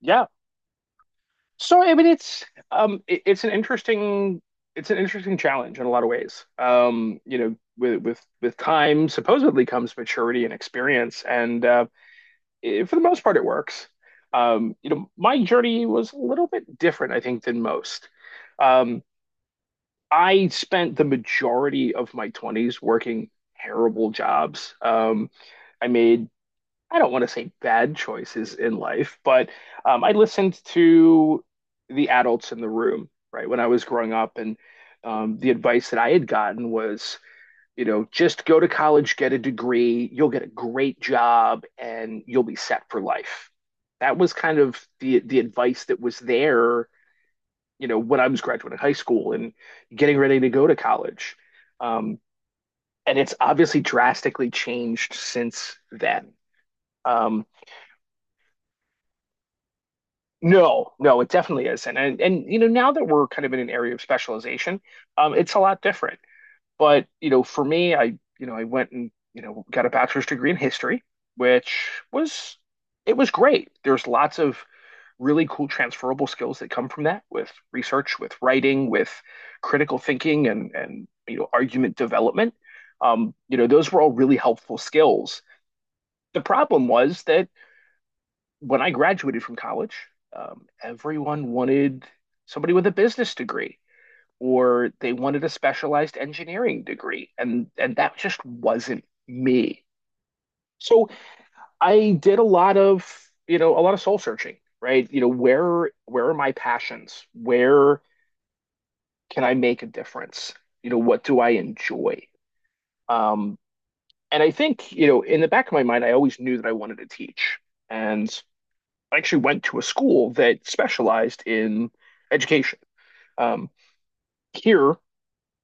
Yeah. So I mean it's an interesting challenge in a lot of ways. With time supposedly comes maturity and experience. And for the most part it works. You know, my journey was a little bit different I think than most. Um, I spent the majority of my 20s working terrible jobs. I made, I don't want to say bad choices in life, but I listened to the adults in the room, right, when I was growing up. And The advice that I had gotten was, you know, just go to college, get a degree, you'll get a great job, and you'll be set for life. That was kind of the advice that was there, you know, when I was graduating high school and getting ready to go to college. Um, and it's obviously drastically changed since then. Um, No, no, it definitely isn't. And you know, now that we're kind of in an area of specialization, it's a lot different. But you know, for me, I went and you know got a bachelor's degree in history, which was, it was great. There's lots of really cool transferable skills that come from that with research, with writing, with critical thinking and you know, argument development. You know, those were all really helpful skills. The problem was that when I graduated from college, everyone wanted somebody with a business degree, or they wanted a specialized engineering degree, and that just wasn't me. So I did a lot of, you know, a lot of soul searching, right? You know, where are my passions? Where can I make a difference? You know, what do I enjoy? Um, and I think, you know, in the back of my mind, I always knew that I wanted to teach. And I actually went to a school that specialized in education. Um, Here,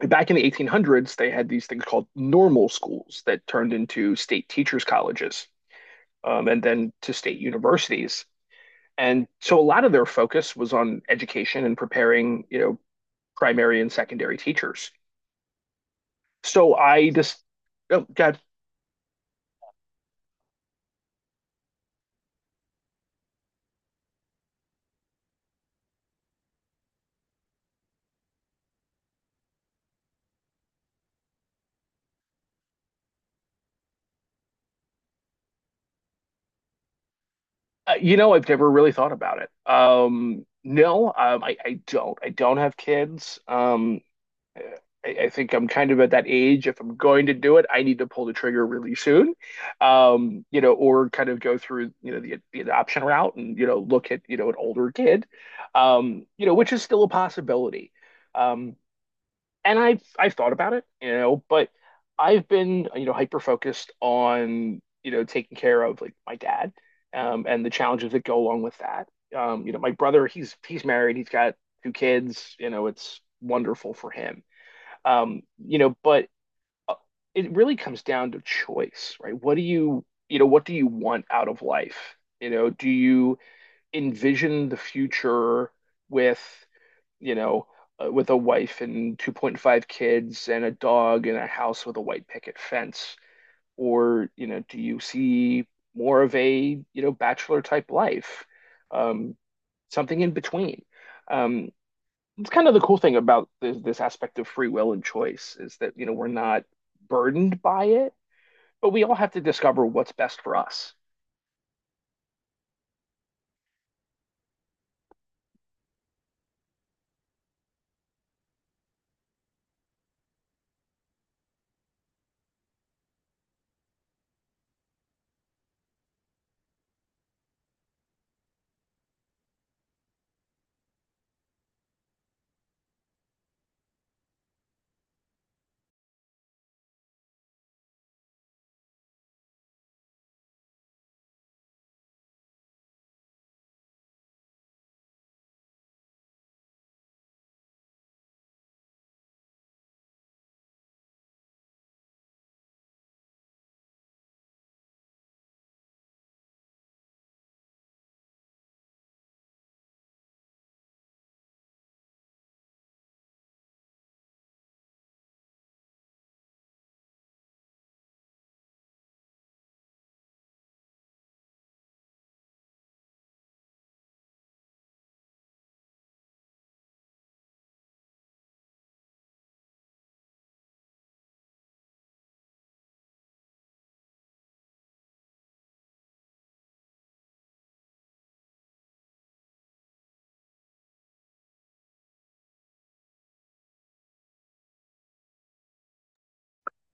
back in the 1800s, they had these things called normal schools that turned into state teachers' colleges, and then to state universities. And so a lot of their focus was on education and preparing, you know, primary and secondary teachers. So I just, oh God, you know, I've never really thought about it. No, I don't. I don't have kids. I think I'm kind of at that age. If I'm going to do it, I need to pull the trigger really soon, you know, or kind of go through, you know, the adoption route and, you know, look at, you know, an older kid, you know, which is still a possibility. Um, and I've thought about it, you know, but I've been, you know, hyper focused on, you know, taking care of like my dad, and the challenges that go along with that. You know, my brother, he's married, he's got two kids, you know, it's wonderful for him. You know, but uh, it really comes down to choice, right? What do you, you know, what do you want out of life? You know, do you envision the future with, you know, with a wife and 2.5 kids and a dog and a house with a white picket fence? Or, you know, do you see more of a, you know, bachelor type life? Um, something in between. Um, it's kind of the cool thing about this aspect of free will and choice is that, you know, we're not burdened by it, but we all have to discover what's best for us.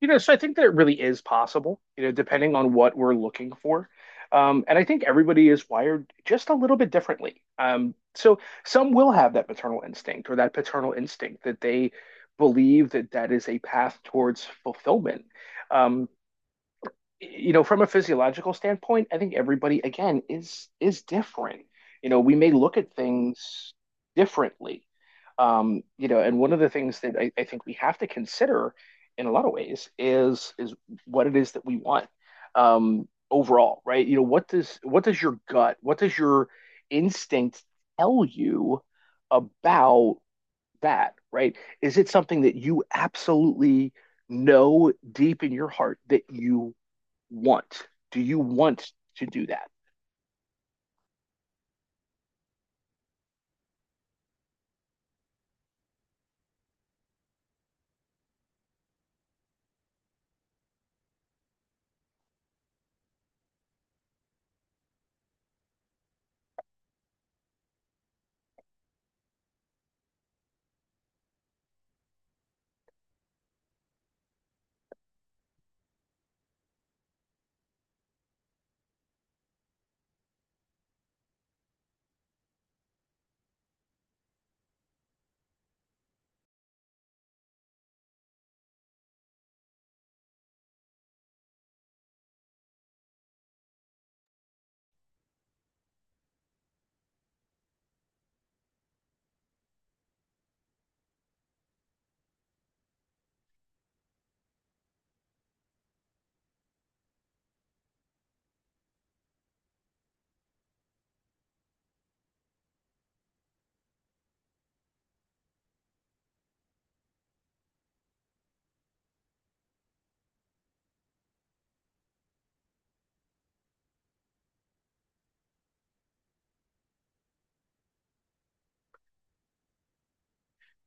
You know, so I think that it really is possible, you know, depending on what we're looking for. And I think everybody is wired just a little bit differently. So some will have that maternal instinct or that paternal instinct that they believe that that is a path towards fulfillment. Um, you know, from a physiological standpoint, I think everybody again is different. You know, we may look at things differently. You know, and one of the things that I think we have to consider in a lot of ways is what it is that we want, overall, right? You know, what does your gut, what does your instinct tell you about that, right? Is it something that you absolutely know deep in your heart that you want? Do you want to do that?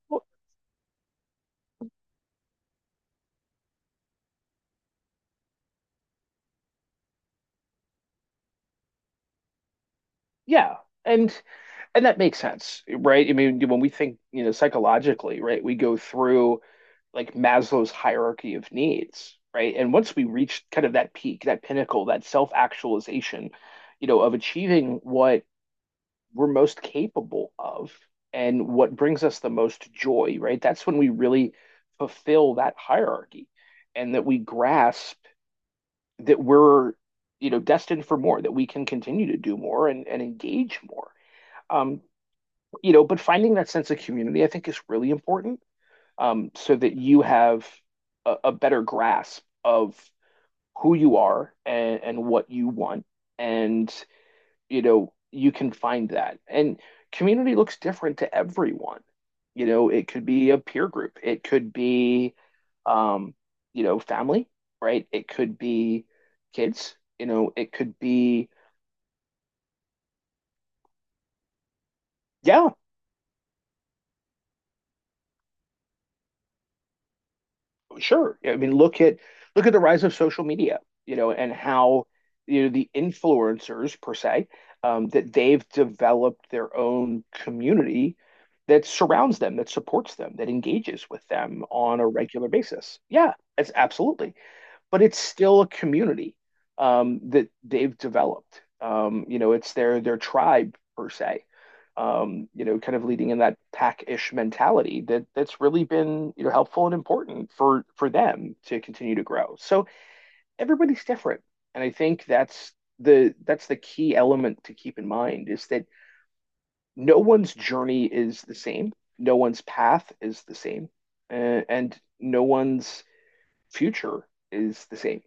Well, yeah. And and that makes sense, right? I mean, when we think, you know, psychologically, right, we go through like Maslow's hierarchy of needs, right? And once we reach kind of that peak, that pinnacle, that self-actualization, you know, of achieving what we're most capable of and what brings us the most joy, right? That's when we really fulfill that hierarchy and that we grasp that we're, you know, destined for more, that we can continue to do more and engage more. um, you know, but finding that sense of community I think is really important, so that you have a better grasp of who you are and what you want. And you know, you can find that. And community looks different to everyone. You know, it could be a peer group, it could be, um, you know, family, right? It could be kids, you know, it could be, yeah. Sure. I mean, look at the rise of social media, you know, and how, you know, the influencers per se, that they've developed their own community that surrounds them, that supports them, that engages with them on a regular basis. Yeah, it's absolutely, but it's still a community, that they've developed. You know, it's their tribe per se. You know, kind of leading in that pack-ish mentality that that's really been, you know, helpful and important for them to continue to grow. So everybody's different, and I think that's the key element to keep in mind is that no one's journey is the same, no one's path is the same, and no one's future is the same.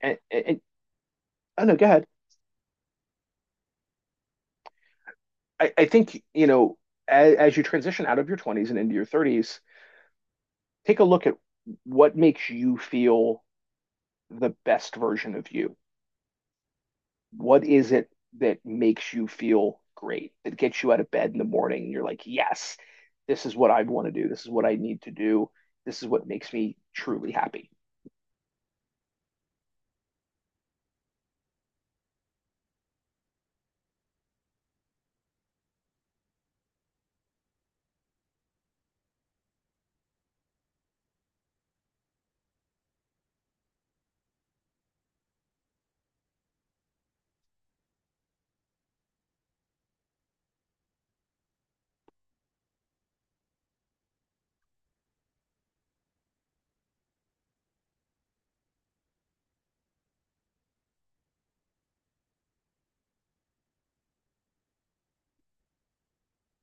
And Oh no, go ahead. I think, you know, as you transition out of your 20s and into your 30s, take a look at what makes you feel the best version of you. What is it that makes you feel great, that gets you out of bed in the morning? And you're like, yes, this is what I want to do. This is what I need to do. This is what makes me truly happy.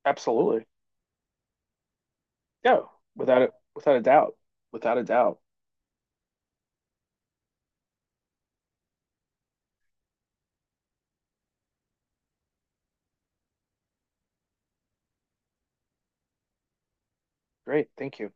Absolutely. Yeah, without it, without a doubt. Without a doubt. Great. Thank you.